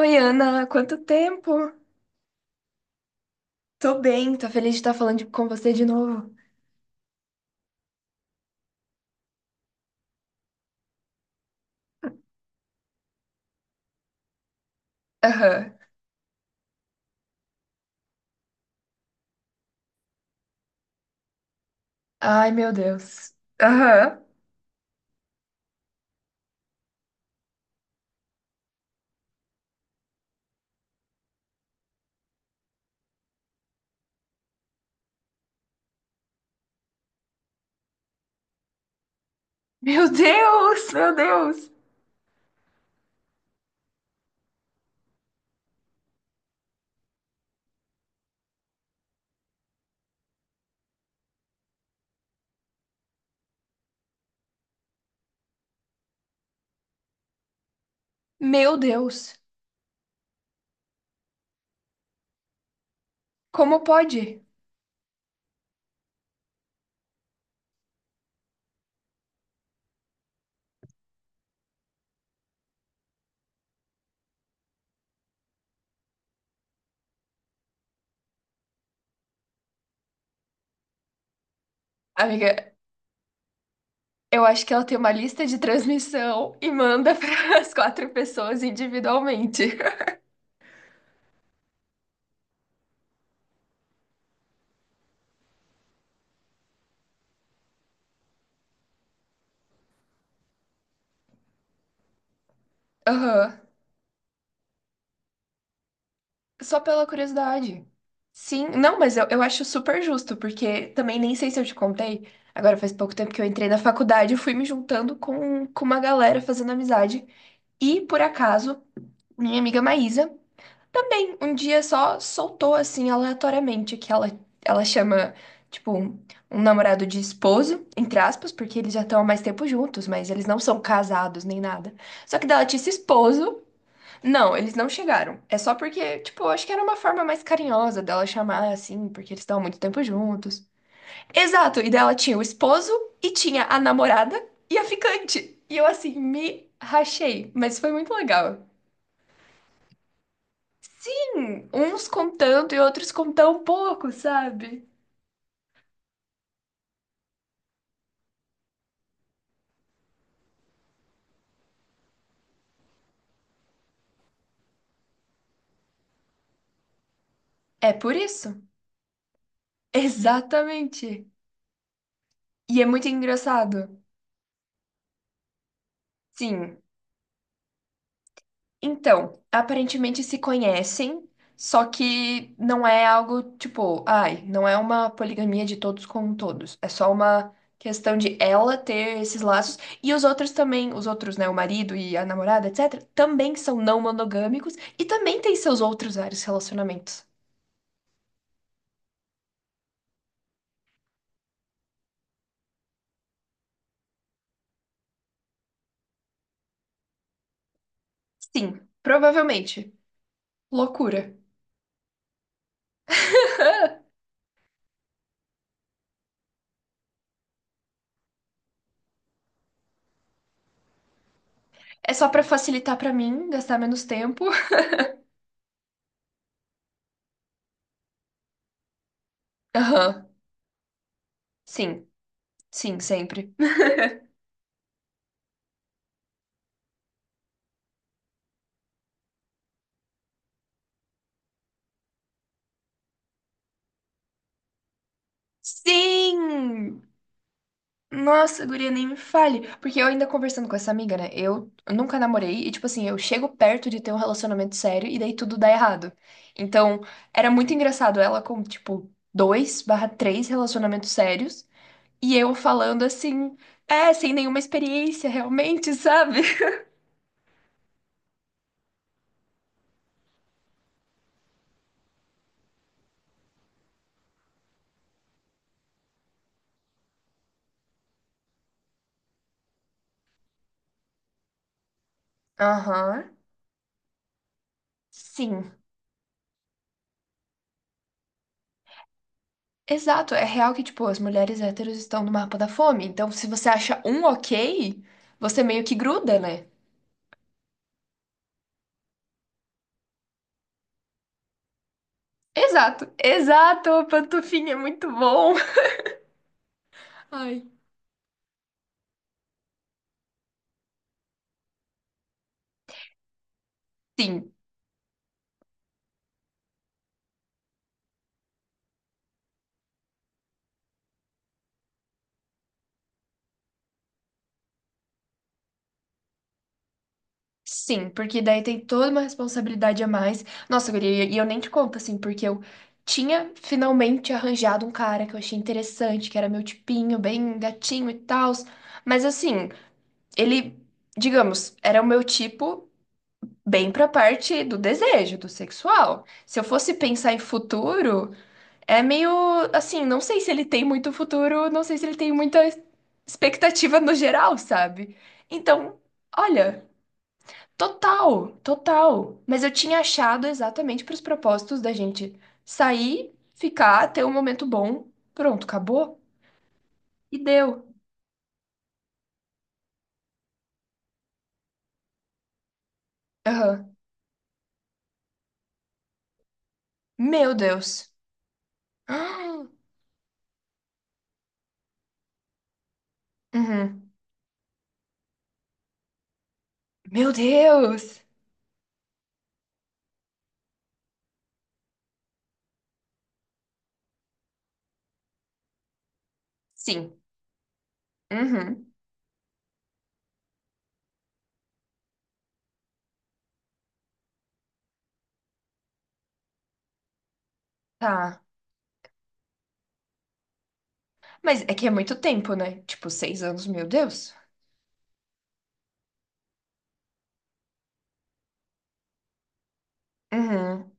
Oi, Ana, quanto tempo? Tô bem, tô feliz de estar falando com você de novo. Aham. Ai, meu Deus. Aham. Meu Deus, meu Deus. Meu Deus. Como pode? Amiga, eu acho que ela tem uma lista de transmissão e manda para as quatro pessoas individualmente. Aham. Só pela curiosidade. Sim, não, mas eu acho super justo, porque também nem sei se eu te contei. Agora faz pouco tempo que eu entrei na faculdade, eu fui me juntando com uma galera fazendo amizade. E por acaso, minha amiga Maísa também um dia só soltou assim aleatoriamente que ela chama, tipo, um namorado de esposo, entre aspas, porque eles já estão há mais tempo juntos, mas eles não são casados nem nada. Só que daí ela disse esposo. Não, eles não chegaram. É só porque, tipo, eu acho que era uma forma mais carinhosa dela chamar, assim, porque eles estavam muito tempo juntos. Exato, e daí ela tinha o esposo e tinha a namorada e a ficante. E eu, assim, me rachei, mas foi muito legal. Sim, uns com tanto e outros com tão pouco, sabe? É por isso. Exatamente. E é muito engraçado. Sim. Então, aparentemente se conhecem, só que não é algo tipo, ai, não é uma poligamia de todos com todos. É só uma questão de ela ter esses laços e os outros também, os outros, né, o marido e a namorada, etc, também são não monogâmicos e também têm seus outros vários relacionamentos. Sim, provavelmente. Loucura. É só pra facilitar pra mim, gastar menos tempo. Aham. Sim, sim, sempre. Sim! Nossa, guria, nem me fale. Porque eu ainda conversando com essa amiga, né? Eu nunca namorei e, tipo assim, eu chego perto de ter um relacionamento sério e daí tudo dá errado. Então, era muito engraçado ela com, tipo, dois barra três relacionamentos sérios e eu falando assim, é, sem nenhuma experiência realmente, sabe? Aham. Sim. Exato. É real que, tipo, as mulheres héteros estão no mapa da fome. Então, se você acha um ok, você meio que gruda, né? Exato, exato, pantufinha, é muito bom. Ai. Sim, sim, porque daí tem toda uma responsabilidade a mais. Nossa, guria, e eu nem te conto, assim, porque eu tinha finalmente arranjado um cara que eu achei interessante, que era meu tipinho, bem gatinho e tal. Mas, assim, ele, digamos, era o meu tipo bem pra parte do desejo, do sexual. Se eu fosse pensar em futuro. É meio assim, não sei se ele tem muito futuro, não sei se ele tem muita expectativa no geral, sabe? Então, olha, total, total. Mas eu tinha achado exatamente para os propósitos da gente sair, ficar, ter um momento bom, pronto, acabou e deu. Aham. Meu Deus. Ah. Uhum. Meu Deus. Sim. Uhum. Tá. Mas é que é muito tempo, né? Tipo, 6 anos, meu Deus. Uhum.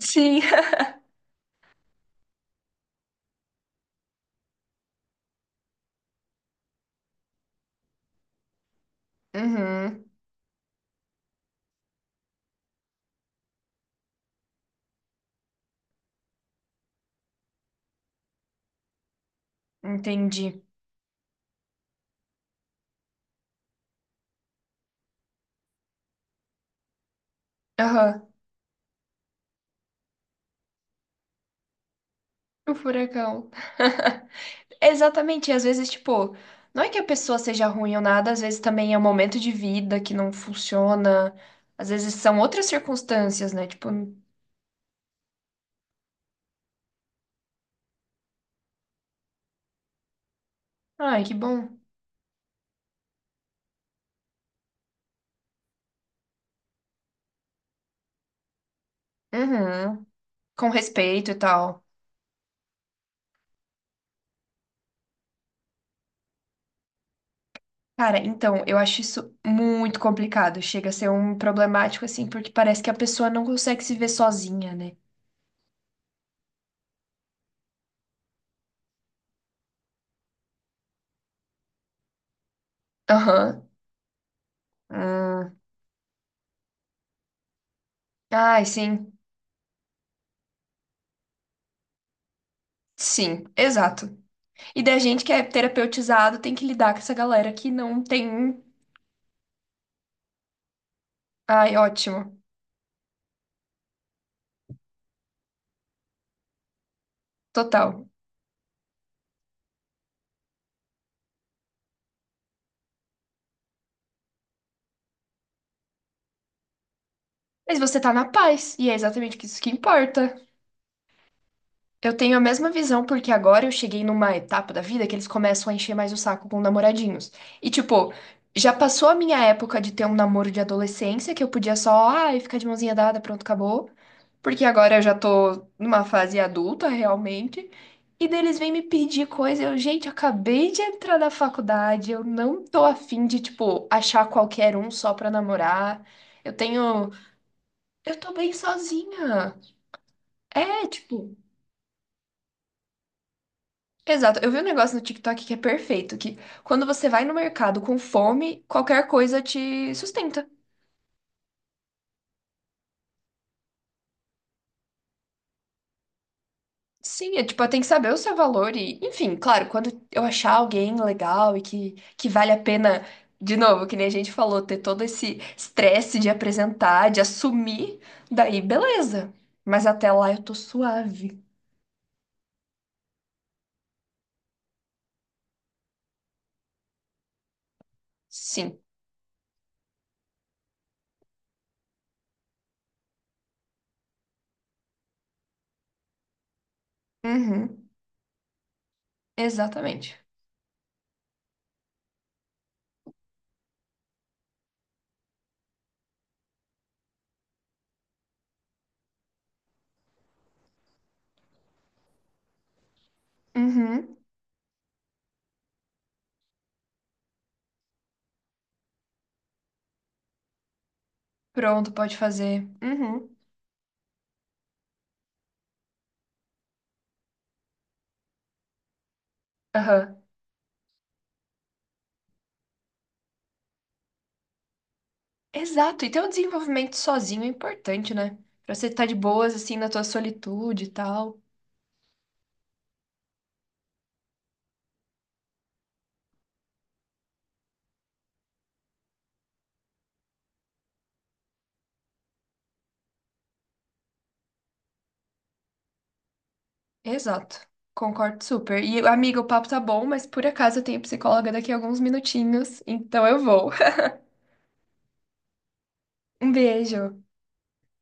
Sim. Uhum, entendi. Aham, o furacão. Exatamente, e às vezes, tipo, não é que a pessoa seja ruim ou nada, às vezes também é um momento de vida que não funciona, às vezes são outras circunstâncias, né? Tipo, ai, que bom. Uhum, com respeito e tal. Cara, então, eu acho isso muito complicado, chega a ser um problemático, assim, porque parece que a pessoa não consegue se ver sozinha, né? Aham. Hum. Ai, sim. Sim, exato. E da gente que é terapeutizado tem que lidar com essa galera que não tem. Um. Ai, ótimo. Total. Mas você tá na paz, e é exatamente isso que importa. Eu tenho a mesma visão porque agora eu cheguei numa etapa da vida que eles começam a encher mais o saco com namoradinhos. E tipo, já passou a minha época de ter um namoro de adolescência que eu podia só, ai, ficar de mãozinha dada, pronto, acabou. Porque agora eu já tô numa fase adulta, realmente. E daí eles vêm me pedir coisa. Eu, gente, eu acabei de entrar na faculdade. Eu não tô afim de, tipo, achar qualquer um só pra namorar. Eu tenho. Eu tô bem sozinha. É, tipo. Exato. Eu vi um negócio no TikTok que é perfeito, que quando você vai no mercado com fome, qualquer coisa te sustenta. Sim, é tipo, tem que saber o seu valor e, enfim, claro, quando eu achar alguém legal e que vale a pena, de novo, que nem a gente falou, ter todo esse estresse de apresentar, de assumir, daí beleza. Mas até lá eu tô suave. Sim. Uhum. Exatamente. Uhum. Pronto, pode fazer. Uhum. Aham. Exato. E ter um desenvolvimento sozinho é importante, né? Pra você estar de boas, assim, na tua solitude e tal. Exato. Concordo super. E, amiga, o papo tá bom, mas por acaso eu tenho psicóloga daqui a alguns minutinhos, então eu vou. Um beijo.